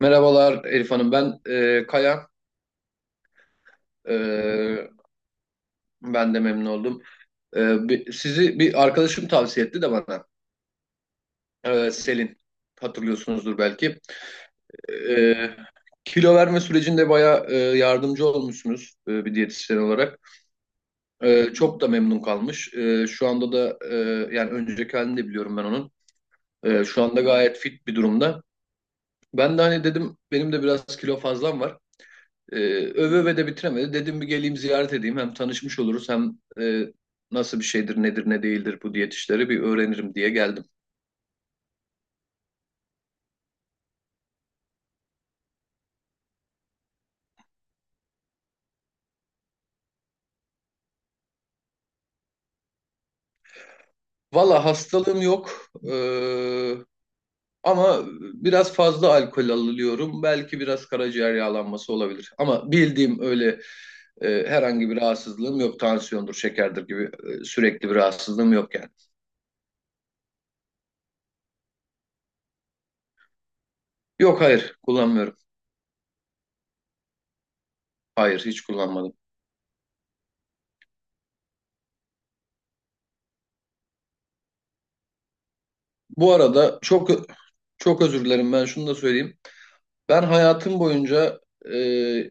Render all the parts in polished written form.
Merhabalar Elif Hanım, ben Kaya. E, Ben de memnun oldum. Sizi bir arkadaşım tavsiye etti de bana. Selin, hatırlıyorsunuzdur belki. E, Kilo verme sürecinde bayağı yardımcı olmuşsunuz bir diyetisyen olarak. Çok da memnun kalmış. Şu anda da yani önceki halini de biliyorum ben onun. Şu anda gayet fit bir durumda. Ben de hani dedim benim de biraz kilo fazlam var. Öve öve de bitiremedi. Dedim bir geleyim, ziyaret edeyim. Hem tanışmış oluruz hem nasıl bir şeydir, nedir, ne değildir bu diyet işleri bir öğrenirim diye geldim. Valla hastalığım yok. Ama biraz fazla alkol alıyorum. Belki biraz karaciğer yağlanması olabilir. Ama bildiğim öyle herhangi bir rahatsızlığım yok. Tansiyondur, şekerdir gibi sürekli bir rahatsızlığım yok yani. Yok, hayır, kullanmıyorum. Hayır, hiç kullanmadım. Bu arada çok çok özür dilerim, ben şunu da söyleyeyim. Ben hayatım boyunca e,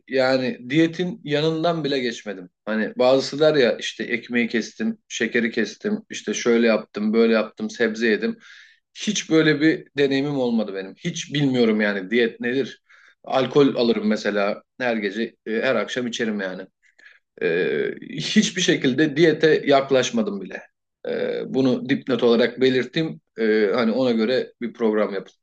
yani diyetin yanından bile geçmedim. Hani bazısı der ya, işte ekmeği kestim, şekeri kestim, işte şöyle yaptım, böyle yaptım, sebze yedim. Hiç böyle bir deneyimim olmadı benim. Hiç bilmiyorum yani diyet nedir. Alkol alırım mesela her gece, her akşam içerim yani. Hiçbir şekilde diyete yaklaşmadım bile. Bunu dipnot olarak belirttim. Hani ona göre bir program yapın.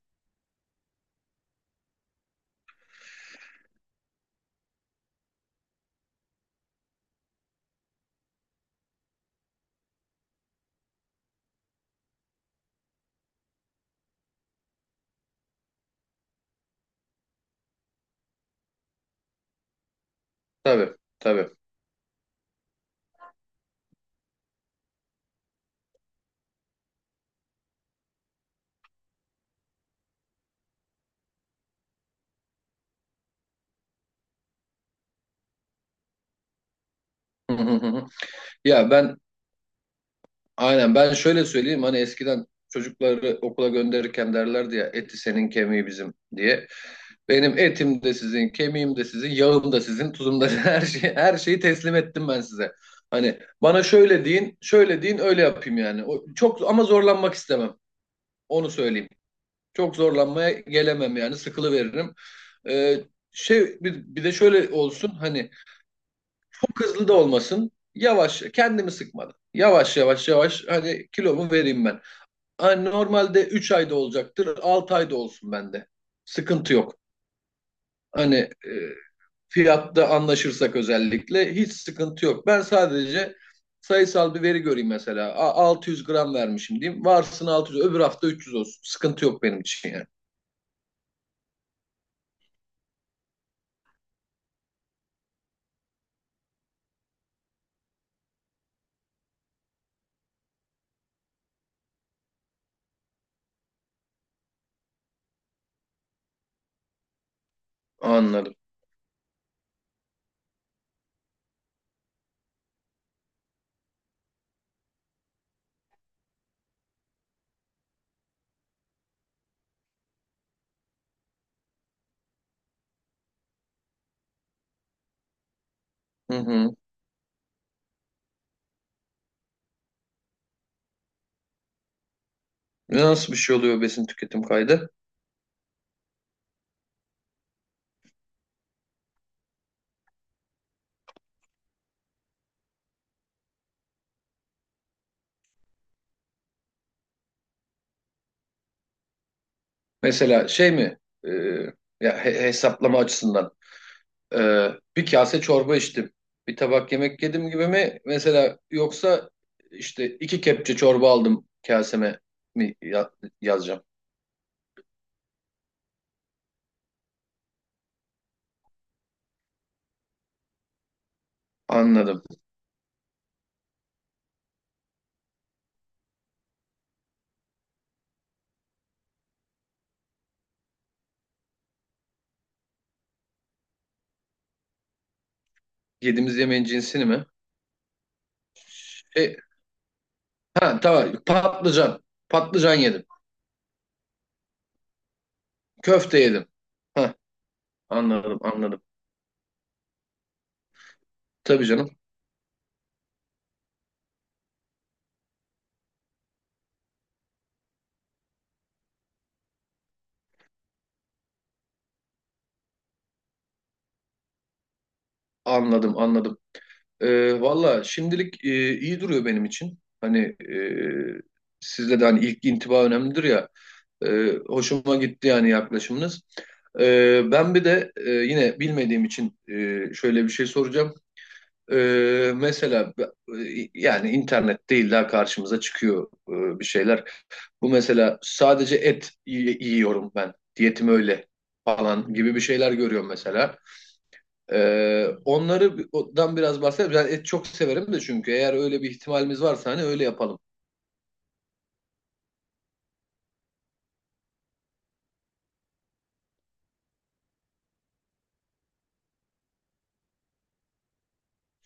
Tabii, tabii. Hı hı hı. Ya ben Aynen, ben şöyle söyleyeyim, hani eskiden çocukları okula gönderirken derlerdi ya, eti senin kemiği bizim diye. Benim etim de sizin, kemiğim de sizin, yağım da sizin, tuzum da her şey, her şeyi teslim ettim ben size. Hani bana şöyle deyin, şöyle deyin, öyle yapayım yani. O, çok ama zorlanmak istemem. Onu söyleyeyim. Çok zorlanmaya gelemem yani, sıkılıveririm. Ee, bir de şöyle olsun, hani çok hızlı da olmasın. Yavaş, kendimi sıkmadan. Yavaş yavaş hani kilomu vereyim ben. Hani normalde 3 ayda olacaktır. 6 ayda olsun bende. Sıkıntı yok. Hani fiyatta anlaşırsak özellikle hiç sıkıntı yok. Ben sadece sayısal bir veri göreyim mesela. 600 gram vermişim diyeyim. Varsın 600, öbür hafta 300 olsun. Sıkıntı yok benim için yani. Anladım. Hı hı. Nasıl bir şey oluyor besin tüketim kaydı? Mesela şey mi? E, Ya, hesaplama açısından. Ee, Bir kase çorba içtim. Bir tabak yemek yedim gibi mi? Mesela, yoksa işte iki kepçe çorba aldım, kaseme mi yazacağım? Anladım. Yediğimiz yemeğin cinsini mi? E, ha, tamam. Patlıcan. Patlıcan yedim. Köfte yedim. Ha, anladım, anladım. Tabii canım. Anladım, anladım. Valla şimdilik iyi duruyor benim için. Hani e, sizde de hani ilk intiba önemlidir ya. Hoşuma gitti yani yaklaşımınız. Ben bir de yine bilmediğim için şöyle bir şey soracağım. Mesela yani internet değil illa karşımıza çıkıyor bir şeyler. Bu mesela sadece et yiyorum ben, diyetim öyle falan gibi bir şeyler görüyorum mesela. Onları biraz bahsedelim. Ben et çok severim de, çünkü eğer öyle bir ihtimalimiz varsa hani öyle yapalım.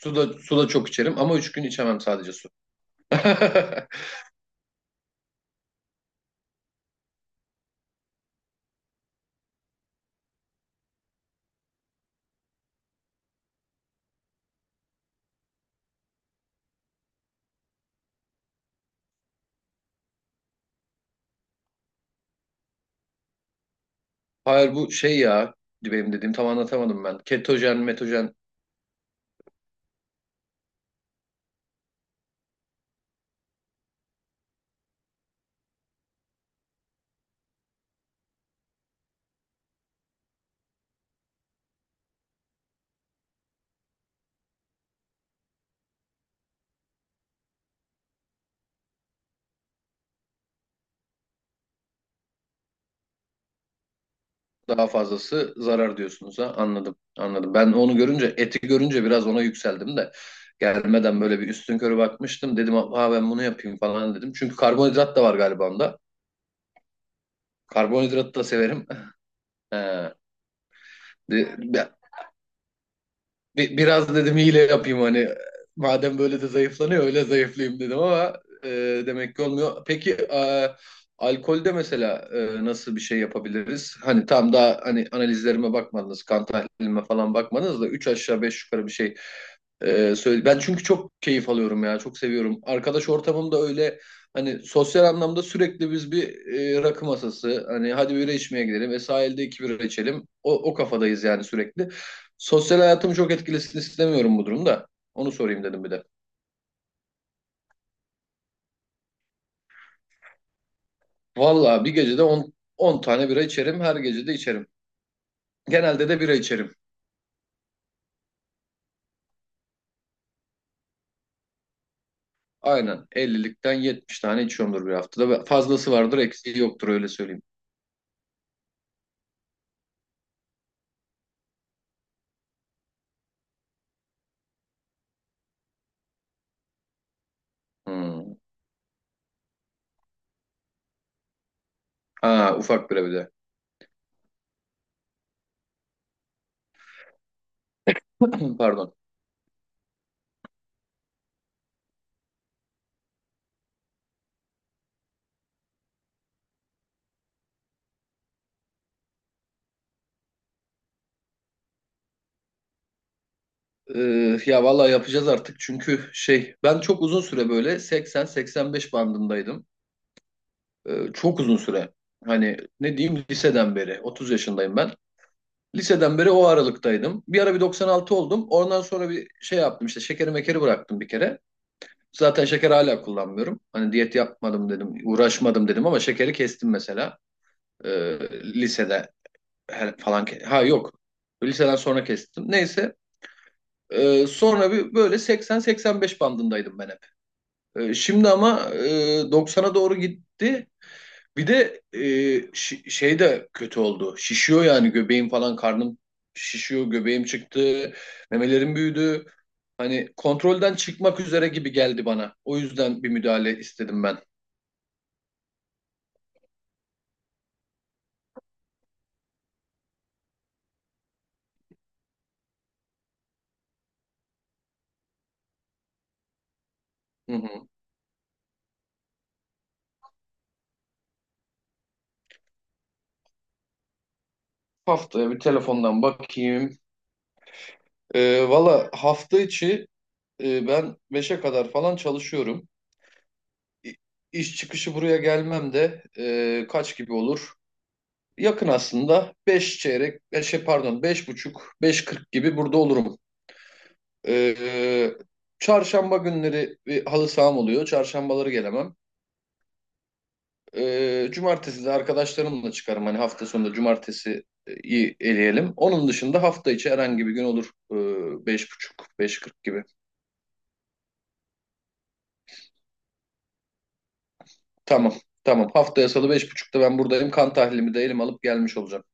Su da, su da çok içerim ama 3 gün içemem sadece su. Hayır, bu şey ya, benim dediğim, tam anlatamadım ben. Ketojen, metojen, daha fazlası zarar diyorsunuz, ha, anladım, anladım. Ben onu görünce, eti görünce biraz ona yükseldim de, gelmeden böyle bir üstünkörü bakmıştım. Dedim, ha, ben bunu yapayım falan dedim. Çünkü karbonhidrat da var galiba onda. Karbonhidratı da severim. He. De- Biraz dedim hile yapayım, hani madem böyle de zayıflanıyor öyle zayıflayayım dedim ama e, demek ki olmuyor. Peki alkolde mesela nasıl bir şey yapabiliriz? Hani tam, daha hani analizlerime bakmadınız, kan tahlilime falan bakmadınız da, 3 aşağı 5 yukarı bir şey söyle. Ben çünkü çok keyif alıyorum ya, çok seviyorum. Arkadaş ortamımda öyle, hani sosyal anlamda sürekli biz bir rakı masası, hani hadi bira içmeye gidelim, ve sahilde iki bira içelim. O, o kafadayız yani sürekli. Sosyal hayatımı çok etkilesin istemiyorum bu durumda. Onu sorayım dedim bir de. Vallahi bir gecede 10 tane bira içerim. Her gece de içerim. Genelde de bira içerim. Aynen. 50'likten 70 tane içiyorumdur bir haftada. Ve fazlası vardır, eksiği yoktur, öyle söyleyeyim. Hmm. Ha, ufak bira bir de. Pardon. Ya vallahi yapacağız artık, çünkü ben çok uzun süre böyle 80-85 bandındaydım. Çok uzun süre. Hani ne diyeyim, liseden beri 30 yaşındayım ben. Liseden beri o aralıktaydım. Bir ara bir 96 oldum. Ondan sonra bir şey yaptım, işte şekeri mekeri bıraktım bir kere. Zaten şeker hala kullanmıyorum. Hani diyet yapmadım dedim, uğraşmadım dedim, ama şekeri kestim mesela. Ee, Lisede falan. Ha, yok. Liseden sonra kestim. Neyse. Sonra bir böyle 80-85 bandındaydım ben hep. Şimdi ama 90'a doğru gitti. Bir de şey de kötü oldu. Şişiyor yani, göbeğim falan, karnım şişiyor, göbeğim çıktı, memelerim büyüdü. Hani kontrolden çıkmak üzere gibi geldi bana. O yüzden bir müdahale istedim ben. Hı hı. Haftaya bir telefondan bakayım. Valla hafta içi ben 5'e kadar falan çalışıyorum. İ- İş çıkışı buraya gelmem de kaç gibi olur? Yakın aslında, 5 çeyrek, 5 pardon, 5 buçuk, beş kırk gibi burada olurum. Ee, Çarşamba günleri bir halı saham oluyor. Çarşambaları gelemem. Cumartesi de arkadaşlarımla çıkarım. Hani hafta sonunda cumartesi iyi eleyelim. Onun dışında hafta içi herhangi bir gün olur. Beş buçuk, beş kırk gibi. Tamam, tamam. Haftaya salı beş buçukta ben buradayım. Kan tahlilimi de elim alıp gelmiş olacağım.